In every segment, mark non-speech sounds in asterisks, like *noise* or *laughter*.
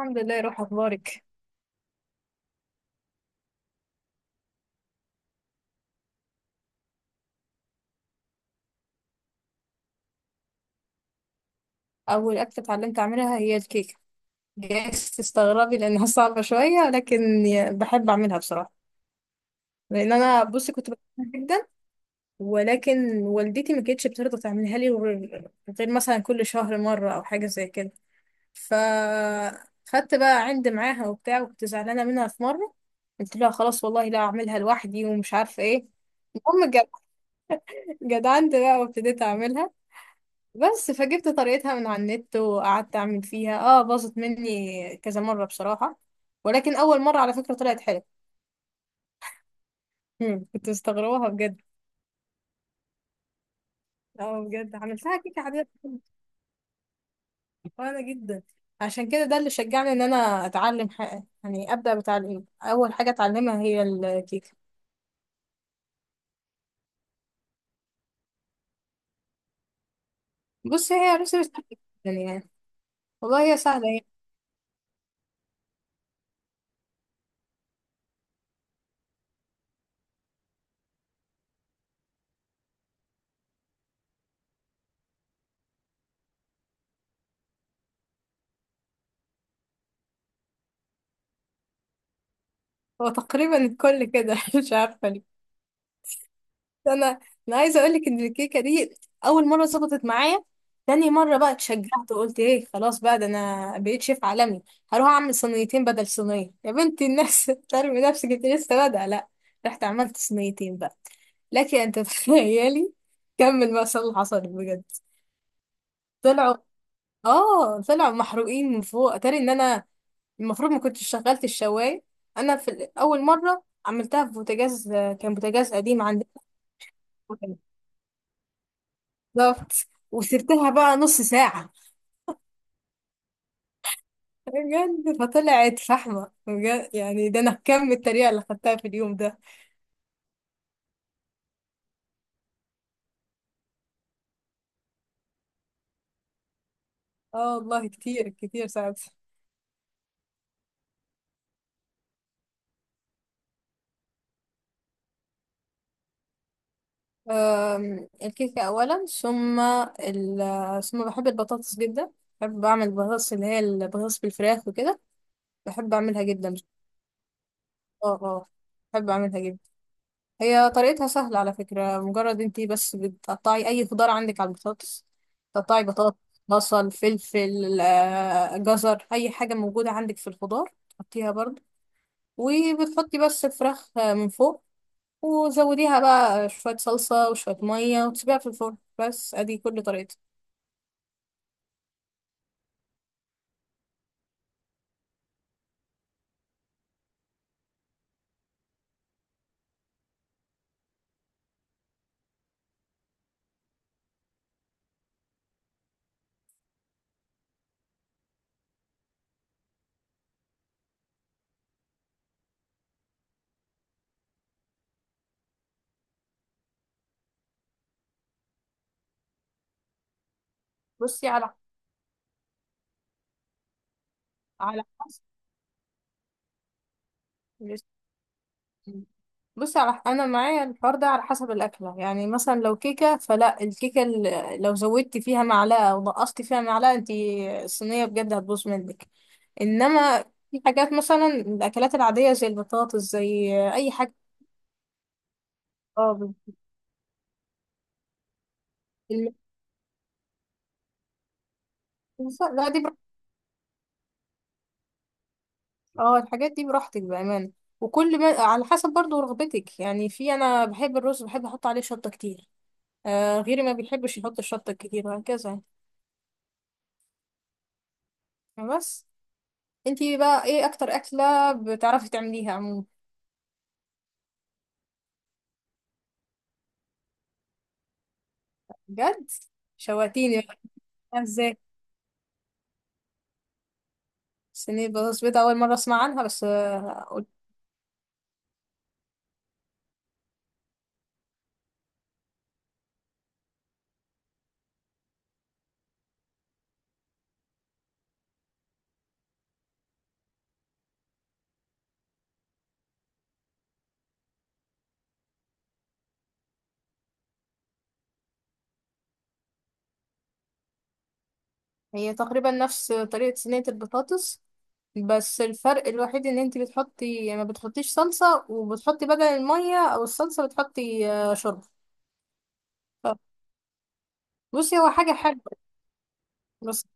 الحمد لله، روح اخبارك؟ اول اكله اتعلمت اعملها هي الكيكه. جايز تستغربي لانها *laughs* صعبه شويه، لكن بحب اعملها بصراحه. لان انا بصي كنت بحبها جدا. ولكن والدتي ما كانتش بترضى تعملها لي غير مثلا كل شهر مره او حاجه زي كده. ف خدت بقى عند معاها وبتاع، وكنت زعلانه منها في مره، قلت لها خلاص والله لا اعملها لوحدي ومش عارفه ايه. المهم جدعنت بقى وابتديت اعملها. بس فجبت طريقتها من على النت وقعدت اعمل فيها، اه باظت مني كذا مرة بصراحة، ولكن اول مرة على فكرة طلعت حلوة. كنت مستغرباها بجد. اه بجد عملتها كيكة عادية صغيرة جدا. عشان كده ده اللي شجعني ان انا اتعلم حاجة، يعني ابدا بتعليم اول حاجة اتعلمها هي الكيكة. بص هي ريسبي سهلة جدا يعني. والله هي سهلة هي. هو تقريبا الكل كده *laughs* مش عارفة ليه. انا انا عايزه اقول لك ان الكيكه دي اول مره ظبطت معايا. تاني مره بقى اتشجعت وقلت ايه، خلاص بقى ده انا بقيت شيف عالمي، هروح اعمل صينيتين بدل صينيه. يا بنتي الناس *laughs* ترمي نفسك، انت لسه بادئه لا. رحت عملت صينيتين بقى، لكن انت تخيلي *laughs* كمل بقى اللي حصل بجد. طلعوا اه طلعوا محروقين من فوق. اتاري ان انا المفروض ما كنتش شغلت الشوايه. انا في اول مره عملتها في بوتاجاز، كان بوتاجاز قديم عندنا. بالظبط. وسبتها بقى نص ساعة، بجد فطلعت فحمة بجد. يعني ده أنا كم التريقة اللي خدتها في اليوم ده. اه والله كتير كتير ساعتها. الكيكة أولا، ثم بحب البطاطس جدا. بحب أعمل بطاطس اللي هي البطاطس بالفراخ وكده. بحب أعملها جدا. اه، اه، بحب أعملها جدا. هي طريقتها سهلة على فكرة، مجرد انتي بس بتقطعي أي خضار عندك على البطاطس. تقطعي بطاطس، بصل، فلفل، جزر، أي حاجة موجودة عندك في الخضار تحطيها برضه. وبتحطي بس الفراخ من فوق. وزوديها بقى شوية صلصة وشوية مية وتسيبيها في الفرن، بس أدي كل طريقتها. بصي على على حسب بصي على انا معايا الحوار ده على حسب الاكله. يعني مثلا لو كيكه، فلا الكيكه، لو زودتي فيها معلقه او نقصتي فيها معلقه انت الصينيه بجد هتبوظ منك. انما في حاجات مثلا الاكلات العاديه، زي البطاطس، زي اي حاجه. اه المكسوسه لا دي براحتك. اه الحاجات دي براحتك بامانه، وكل ما على حسب برضو رغبتك، يعني في انا بحب الرز، بحب احط عليه شطه كتير، آه، غيري ما بيحبش يحط الشطه الكتير وهكذا. يعني بس، انتي بقى ايه اكتر اكلة بتعرفي تعمليها عموما؟ بجد شواتيني بقى. ازاي صينية بطاطس بيضاء؟ اول مرة اسمع عنها، بس هي تقريبا نفس طريقة صينية البطاطس، بس الفرق الوحيد ان انتي بتحطي، يعني ما بتحطيش صلصة، وبتحطي بدل المية او الصلصة بتحطي شوربة. ف- بصي هو حاجة حلوة، بس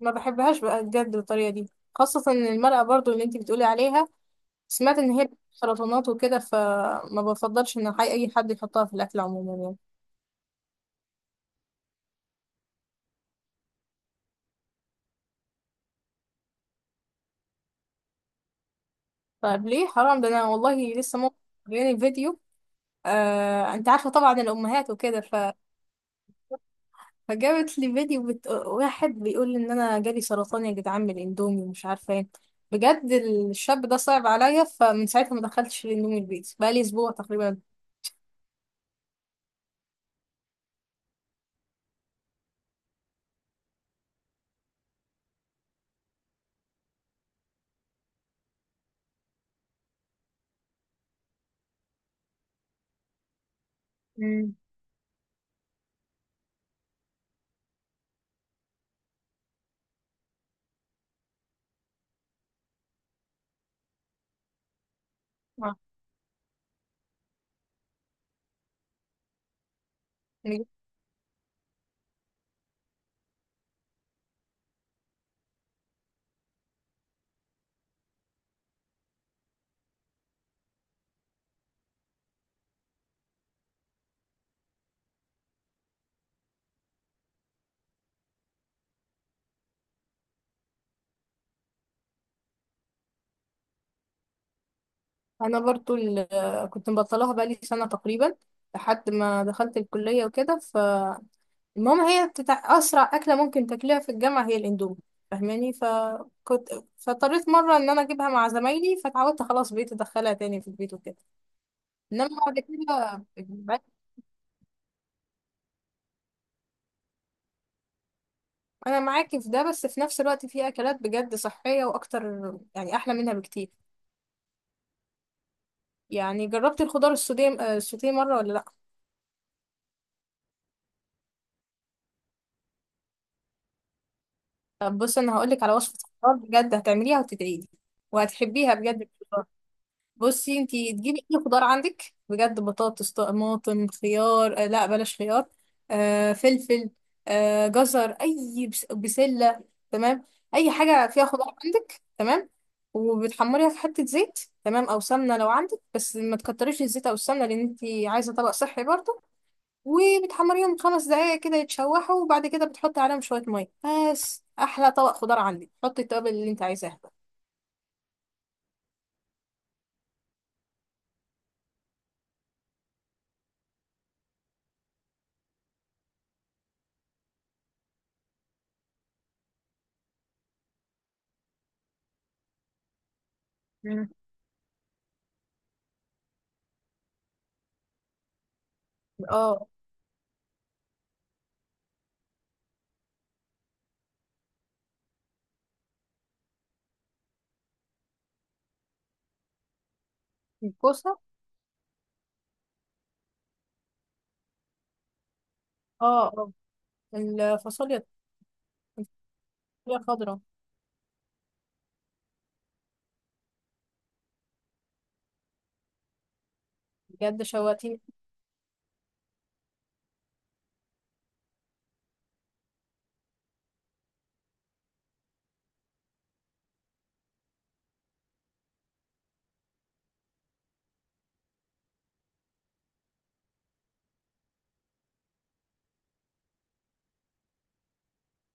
ما بحبهاش بقى بجد بالطريقة دي، خاصة ان المرقة برضو اللي انتي بتقولي عليها، سمعت ان هي سرطانات وكده، فما بفضلش ان حي اي حد يحطها في الاكل عموما يعني. طيب ليه، حرام، ده انا والله لسه ماما جايلي فيديو. آه انت عارفه طبعا الامهات وكده فجابت لي فيديو واحد بيقول ان انا جالي سرطان يا جدعان من الاندومي ومش عارفه ايه. بجد الشاب ده صعب عليا، فمن ساعتها ما دخلتش الاندومي البيت، بقالي اسبوع تقريبا. مم. آه. يعني انا برضو كنت مبطلاها بقالي سنه تقريبا، لحد ما دخلت الكليه وكده. المهم هي اسرع اكله ممكن تاكلها في الجامعه هي الاندومي، فاهماني؟ فكنت فاضطريت مره ان انا اجيبها مع زمايلي، فتعودت خلاص بقيت ادخلها تاني في البيت وكده. انما بعد كده انا معاكي في ده، بس في نفس الوقت في اكلات بجد صحيه واكتر، يعني احلى منها بكتير. يعني جربتي الخضار السوتيه مره ولا لا؟ طب بصي، انا هقولك على وصفه خضار بجد هتعمليها وتدعيلي، وهتحبيها بجد. بصي انتي تجيبي اي خضار عندك بجد، بطاطس، طماطم، خيار، آه لا بلاش خيار. فلفل، جزر، اي بسله. تمام. اي حاجه فيها خضار عندك. تمام. وبتحمريها في حته زيت، تمام، او سمنه لو عندك، بس ما تكتريش الزيت او السمنه لان انتي عايزه طبق صحي برضه. وبتحمريهم خمس دقايق كده يتشوحوا، وبعد كده بتحطي عليهم شويه ميه، بس احلى طبق خضار عندك حطي التوابل اللي انت عايزاها بقى. مم. اه، الكوسه، اه، اه، الفاصوليا، طريقة خضراء. بجد شوقتيني.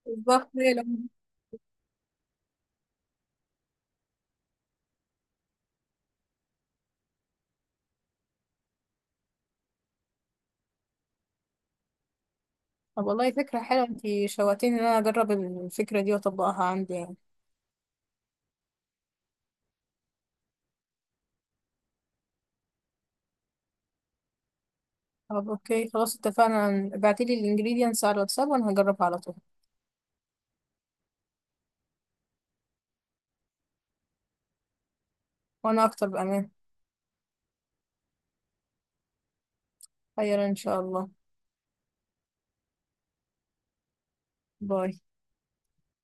بالظبط. طب والله فكرة حلوة، انتي شوقتيني ان انا اجرب الفكرة دي واطبقها عندي يعني. طب اوكي خلاص اتفقنا، ابعتيلي الانجريدينتس على الواتساب وانا هجربها على طول. وانا اكتر بامان. خير ان شاء الله. باي.